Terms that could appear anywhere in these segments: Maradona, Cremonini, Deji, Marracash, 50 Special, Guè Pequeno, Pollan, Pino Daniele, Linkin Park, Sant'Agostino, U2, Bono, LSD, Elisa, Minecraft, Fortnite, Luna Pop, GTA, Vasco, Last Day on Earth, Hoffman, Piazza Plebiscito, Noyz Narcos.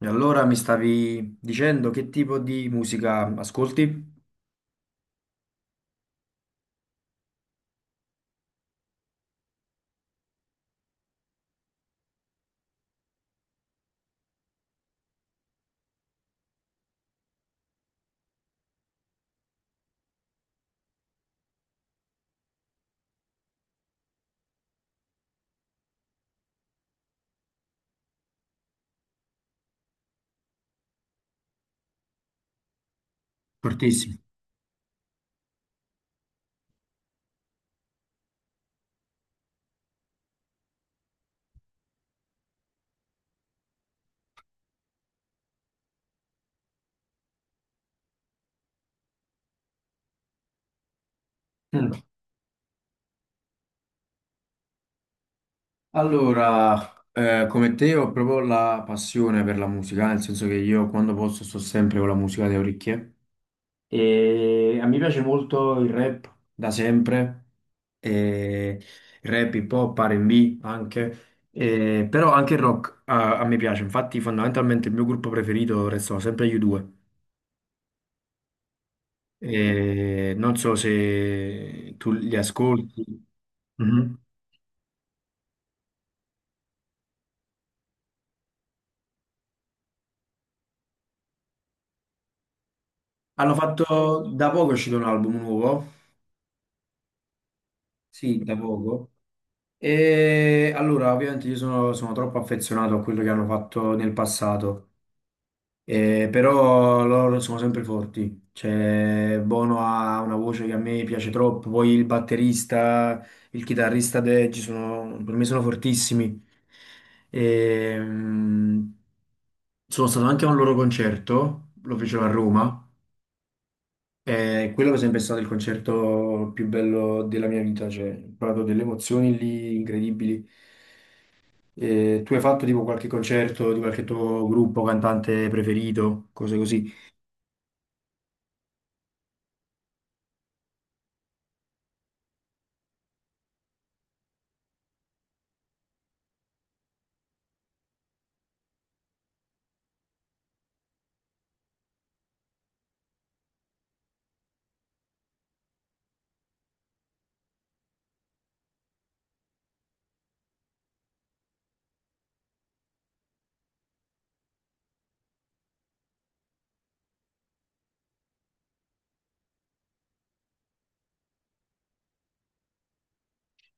E allora mi stavi dicendo che tipo di musica ascolti? Fortissimo. Mm. Allora, come te ho proprio la passione per la musica, nel senso che io quando posso sto sempre con la musica alle orecchie e a me piace molto il rap da sempre, e il rap, hip hop, R&B anche, però anche il rock a me piace, infatti fondamentalmente il mio gruppo preferito restano sempre gli U2. E non so se tu li ascolti. Mhm. Hanno fatto da poco è uscito un album nuovo, sì, da poco. E allora, ovviamente io sono troppo affezionato a quello che hanno fatto nel passato. Però loro sono sempre forti. Cioè, Bono ha una voce che a me piace troppo. Poi il batterista, il chitarrista Deji sono, per me sono fortissimi. Ehm, sono stato anche a un loro concerto, lo fecero a Roma. E quello per esempio è stato il concerto più bello della mia vita. Cioè, ho provato delle emozioni lì incredibili. Tu hai fatto tipo qualche concerto di qualche tuo gruppo, cantante preferito, cose così?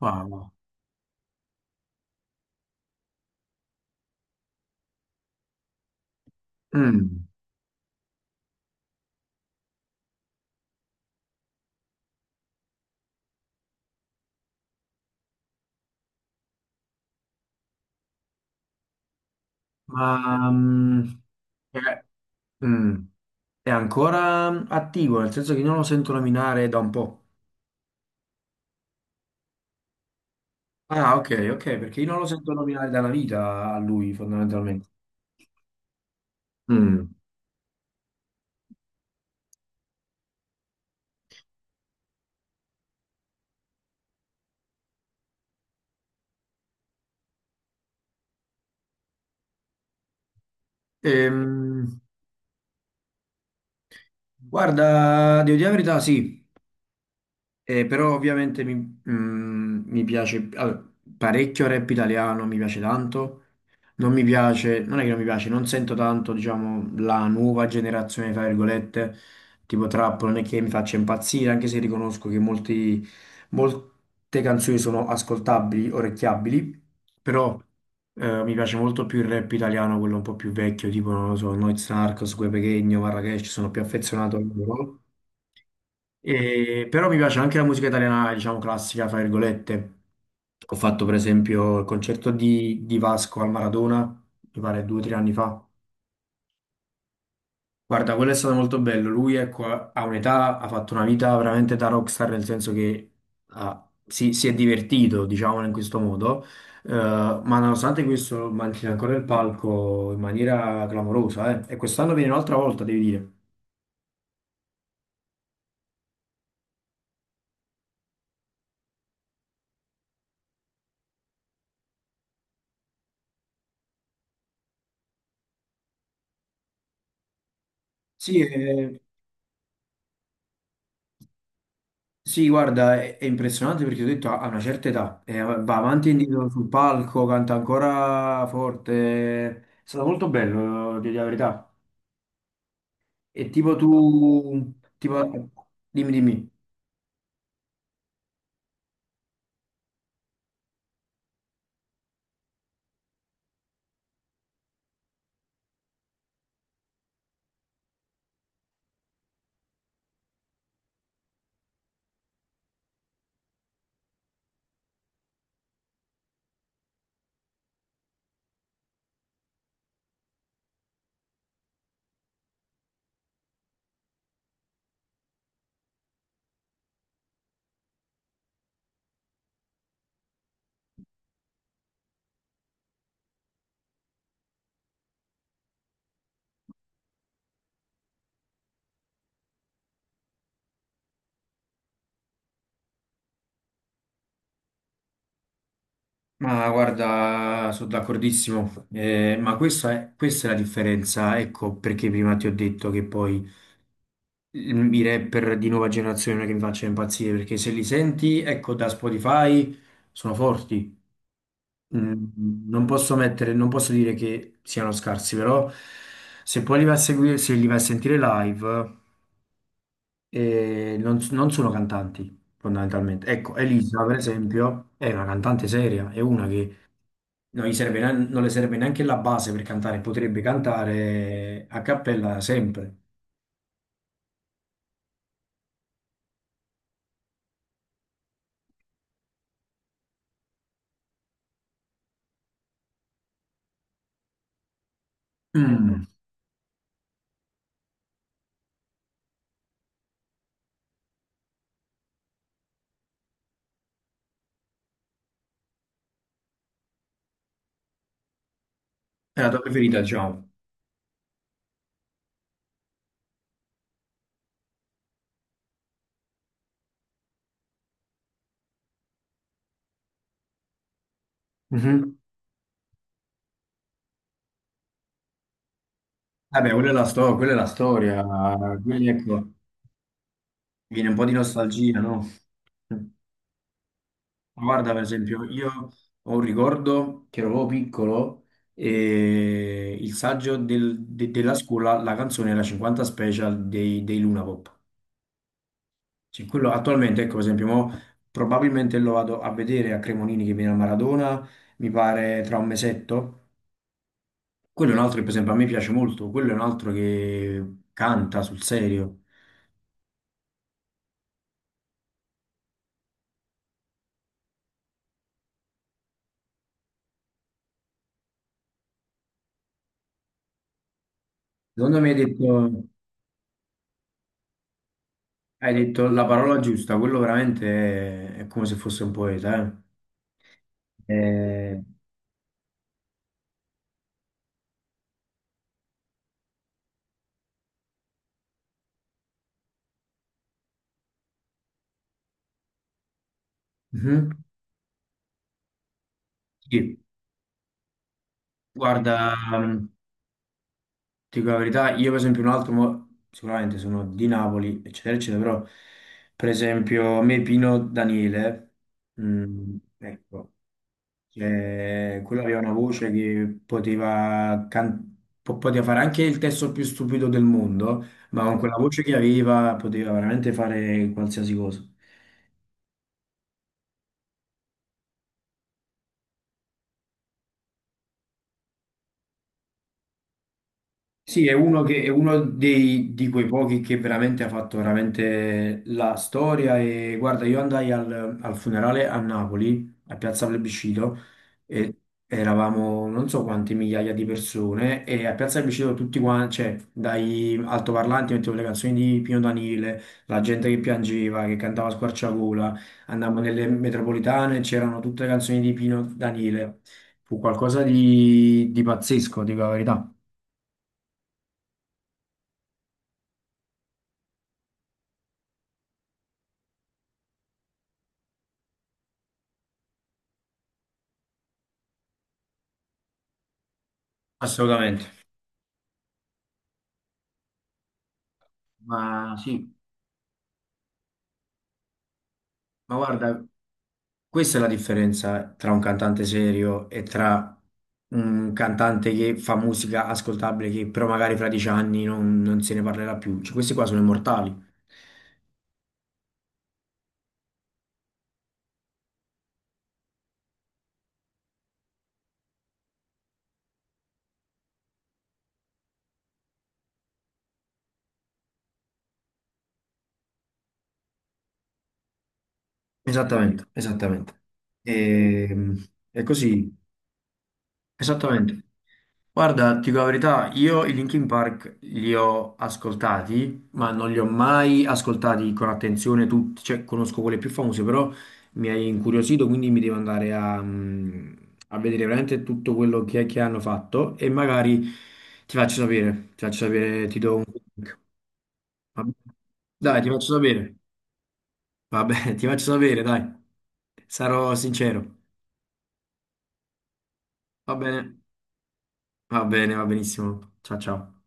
Wow. Mm, ma è, mm, è ancora attivo, nel senso che io non lo sento nominare da un po'. Ah, ok, ok, perché io non lo sento nominare da una vita a lui, fondamentalmente. Mm. Ehm, guarda, devo dire la verità, sì. Però ovviamente mi piace allora, parecchio rap italiano, mi piace tanto. Non mi piace, non è che non mi piace, non sento tanto, diciamo, la nuova generazione, tra virgolette, tipo trap, non è che mi faccia impazzire, anche se riconosco che molti, molte canzoni sono ascoltabili, orecchiabili, però mi piace molto più il rap italiano, quello un po' più vecchio, tipo, non lo so, Noyz Narcos, Guè Pequeno, Marracash, sono più affezionato a loro. Però mi piace anche la musica italiana, diciamo classica, fra virgolette. Ho fatto per esempio il concerto di Vasco al Maradona, mi pare 2 o 3 anni fa. Guarda, quello è stato molto bello. Lui, ecco, ha un'età, ha fatto una vita veramente da rockstar, nel senso che si è divertito, diciamo, in questo modo. Ma nonostante questo, mantiene ancora il palco in maniera clamorosa, eh. E quest'anno viene un'altra volta, devi dire. Sì, sì, guarda, è impressionante perché ho detto ha una certa età, va avanti e indietro sul palco, canta ancora forte, è stato molto bello, di la verità. E tipo tu, tipo, dimmi, dimmi, ma guarda, sono d'accordissimo. Ma questa è, la differenza, ecco perché prima ti ho detto che poi i rapper di nuova generazione non è che mi faccia impazzire, perché se li senti, ecco, da Spotify sono forti. Non posso mettere, non posso dire che siano scarsi, però se poi li vai a seguire, se li vai a sentire live, non sono cantanti fondamentalmente. Ecco, Elisa, per esempio, è una cantante seria, è una che non le serve neanche la base per cantare, potrebbe cantare a cappella sempre. Mm, È la tua preferita, diciamo. Mhm. Vabbè, quella è la storia, quindi ecco, viene un po' di nostalgia, no? Ma guarda, per esempio, io ho un ricordo che ero proprio piccolo e il saggio della scuola, la canzone era 50 Special dei Luna Pop. Cioè, quello attualmente, ecco, per esempio, mo probabilmente lo vado a vedere a Cremonini che viene a Maradona, mi pare tra un mesetto. Quello è un altro che, per esempio, a me piace molto, quello è un altro che canta sul serio. Secondo me hai detto la parola giusta, quello veramente è come se fosse un poeta, eh. Mhm. Sì, guarda, mm, ti dico la verità, io per esempio un altro, sicuramente sono di Napoli, eccetera, eccetera, però per esempio a me Pino Daniele, ecco, cioè, quello aveva una voce che poteva, poteva fare anche il testo più stupido del mondo, ma con quella voce che aveva poteva veramente fare qualsiasi cosa. Sì, è uno, che, è uno dei, di quei pochi che veramente ha fatto veramente la storia e guarda, io andai al funerale a Napoli, a Piazza Plebiscito, e eravamo non so quante migliaia di persone e a Piazza Plebiscito tutti quanti, cioè dai altoparlanti mettevo le canzoni di Pino Daniele, la gente che piangeva, che cantava a squarciagola, andavamo nelle metropolitane, c'erano tutte le canzoni di Pino Daniele, fu qualcosa di pazzesco, dico la verità. Assolutamente. Ma sì, ma guarda, questa è la differenza tra un cantante serio e tra un cantante che fa musica ascoltabile che però magari fra 10 anni non se ne parlerà più. Cioè, questi qua sono immortali. Esattamente, esattamente. E, è così, esattamente. Guarda, ti dico la verità, io i Linkin Park li ho ascoltati, ma non li ho mai ascoltati con attenzione tutti, cioè conosco quelle più famose, però mi hai incuriosito, quindi mi devo andare a vedere veramente tutto quello che hanno fatto e magari ti faccio sapere, ti faccio sapere, ti do un link. Va bene? Dai, ti faccio sapere, va bene, ti faccio sapere, dai, sarò sincero, va bene, va bene, va benissimo, ciao ciao.